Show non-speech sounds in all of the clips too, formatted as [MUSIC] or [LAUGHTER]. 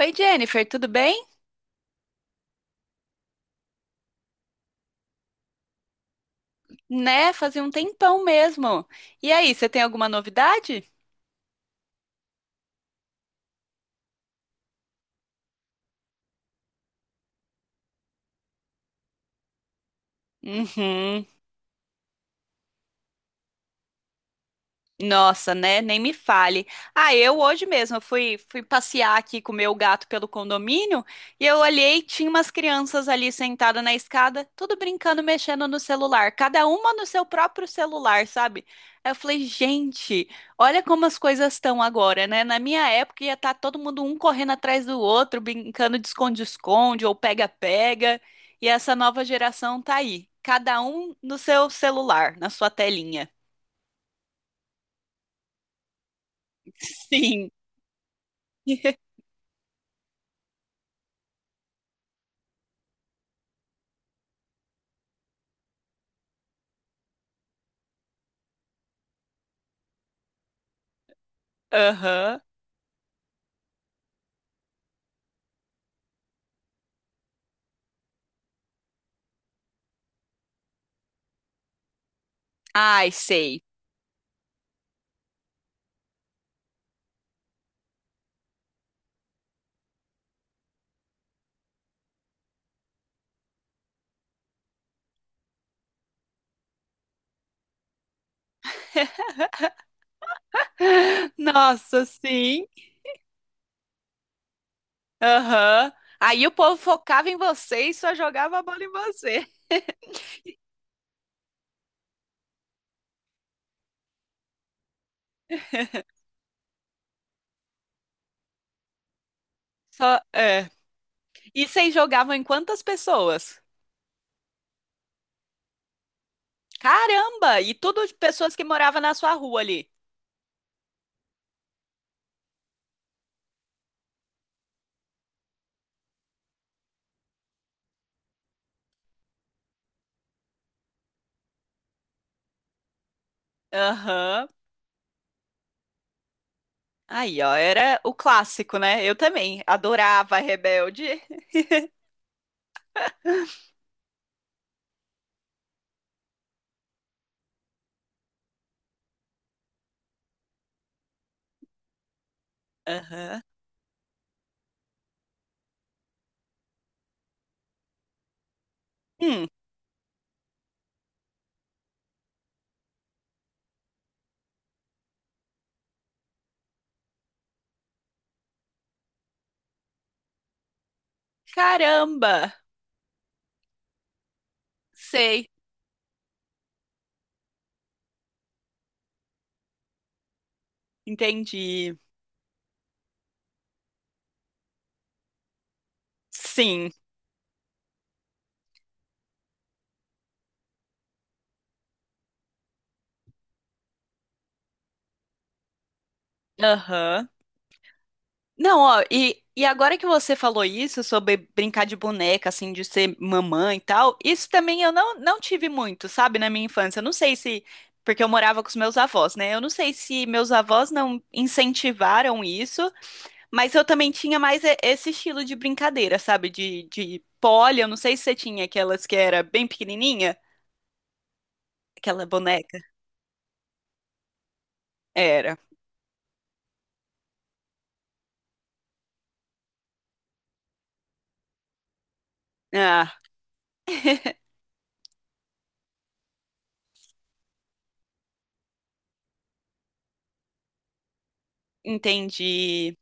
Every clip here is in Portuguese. Oi, Jennifer, tudo bem? Né? Fazia um tempão mesmo. E aí, você tem alguma novidade? Uhum. Nossa, né? Nem me fale. Ah, eu hoje mesmo eu fui passear aqui com o meu gato pelo condomínio e eu olhei, tinha umas crianças ali sentadas na escada, tudo brincando, mexendo no celular, cada uma no seu próprio celular, sabe? Aí eu falei, gente, olha como as coisas estão agora, né? Na minha época ia estar todo mundo um correndo atrás do outro, brincando de esconde-esconde ou pega-pega, e essa nova geração tá aí, cada um no seu celular, na sua telinha. [LAUGHS] Sim. [LAUGHS] Aham. Ai, sei. [LAUGHS] Nossa, sim. Aham. Aí o povo focava em você e só jogava a bola em você. Só, é. E vocês jogavam em quantas pessoas? Caramba! E tudo de pessoas que moravam na sua rua ali. Aham. Aí, ó, era o clássico, né? Eu também adorava Rebelde. Aham. Hum, caramba! Sei. Entendi. Sim. Aham. Não, ó, e agora que você falou isso sobre brincar de boneca, assim, de ser mamãe e tal, isso também eu não tive muito, sabe, na minha infância. Eu não sei se. Porque eu morava com os meus avós, né? Eu não sei se meus avós não incentivaram isso, mas eu também tinha mais esse estilo de brincadeira, sabe? De pole, eu não sei se você tinha aquelas que era bem pequenininha, aquela boneca. Era. Ah, entendi.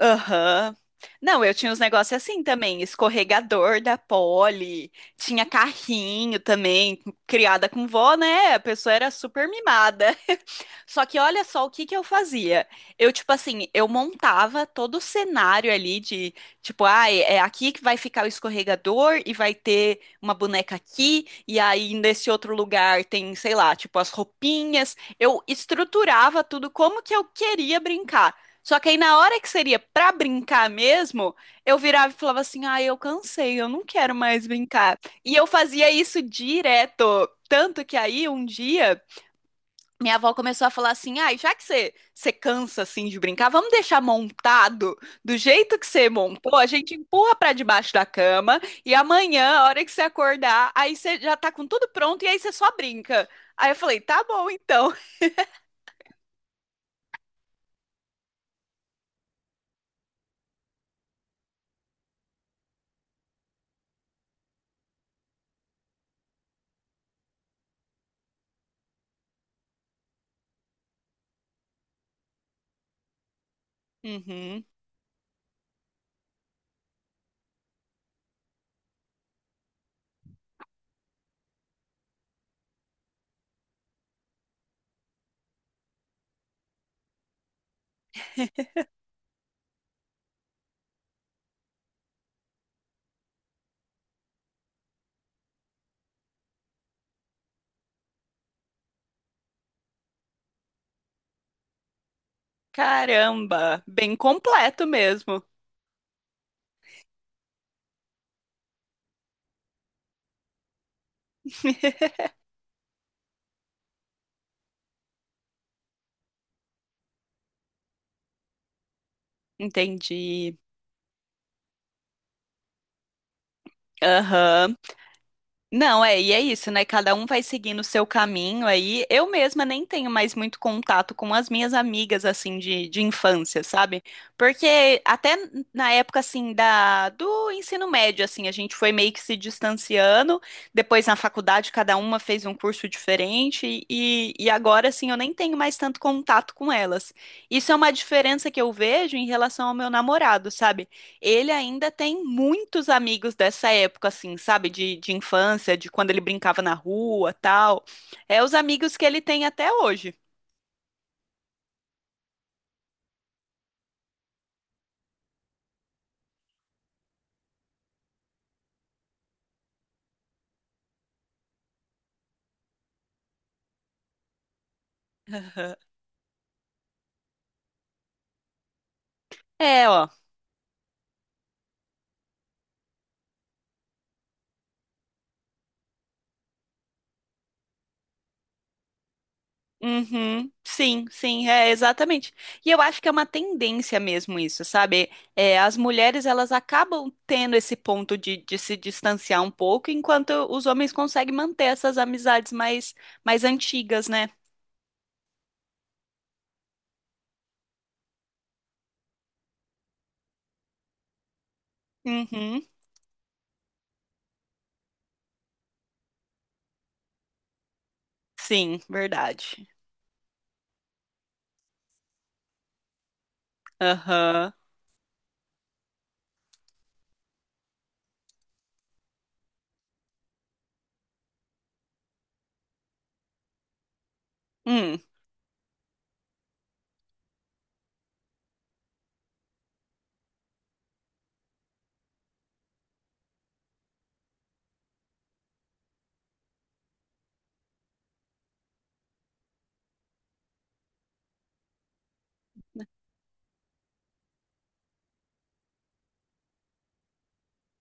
Aham. Não, eu tinha uns negócios assim também, escorregador da Polly, tinha carrinho também, criada com vó, né? A pessoa era super mimada. [LAUGHS] Só que olha só o que que eu fazia. Eu, tipo assim, eu montava todo o cenário ali de, tipo, ai, é aqui que vai ficar o escorregador e vai ter uma boneca aqui, e aí nesse outro lugar tem, sei lá, tipo, as roupinhas. Eu estruturava tudo como que eu queria brincar. Só que aí na hora que seria pra brincar mesmo, eu virava e falava assim: "Ah, eu cansei, eu não quero mais brincar". E eu fazia isso direto, tanto que aí um dia minha avó começou a falar assim: ah, já que você cansa assim de brincar, vamos deixar montado do jeito que você montou, a gente empurra pra debaixo da cama e amanhã, a hora que você acordar, aí você já tá com tudo pronto e aí você só brinca". Aí eu falei: "Tá bom, então". Uhum. Caramba, bem completo mesmo. [LAUGHS] Entendi. Aham. Não, é, e é isso, né? Cada um vai seguindo o seu caminho aí. Eu mesma nem tenho mais muito contato com as minhas amigas, assim, de infância, sabe? Porque até na época, assim, do ensino médio, assim, a gente foi meio que se distanciando. Depois, na faculdade, cada uma fez um curso diferente. E agora, assim, eu nem tenho mais tanto contato com elas. Isso é uma diferença que eu vejo em relação ao meu namorado, sabe? Ele ainda tem muitos amigos dessa época, assim, sabe? De infância, de quando ele brincava na rua, tal. É os amigos que ele tem até hoje. É, ó. Uhum, sim, sim, é exatamente. E eu acho que é uma tendência mesmo isso, sabe? É, as mulheres elas acabam tendo esse ponto de se distanciar um pouco, enquanto os homens conseguem manter essas amizades mais, mais antigas, né? Uhum, sim, verdade. Aham. Hum.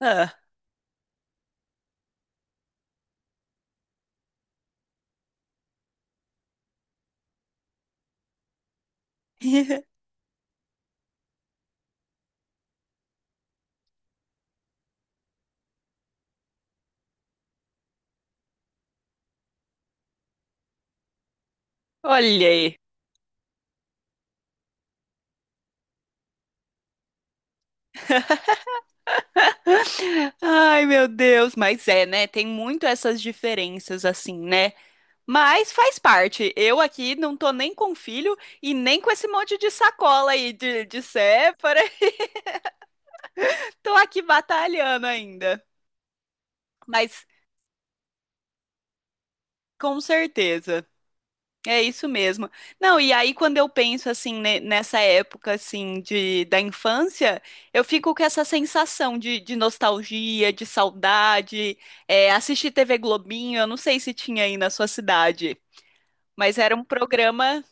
Ah. [LAUGHS] Olha aí. Ai, meu Deus, mas é, né? Tem muito essas diferenças assim, né? Mas faz parte. Eu aqui não tô nem com filho e nem com esse monte de sacola aí de sépara. [LAUGHS] Tô aqui batalhando ainda. Mas com certeza. É isso mesmo. Não, e aí quando eu penso assim nessa época assim de da infância, eu fico com essa sensação de nostalgia, de saudade. É, assistir TV Globinho, eu não sei se tinha aí na sua cidade, mas era um programa.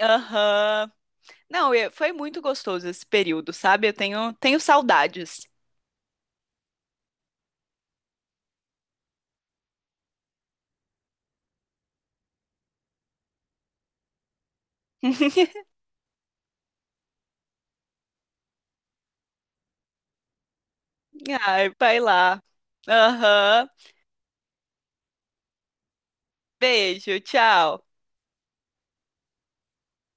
Aham. Não, foi muito gostoso esse período, sabe? Eu tenho saudades. [LAUGHS] Ai, vai lá. Aham. Beijo, tchau.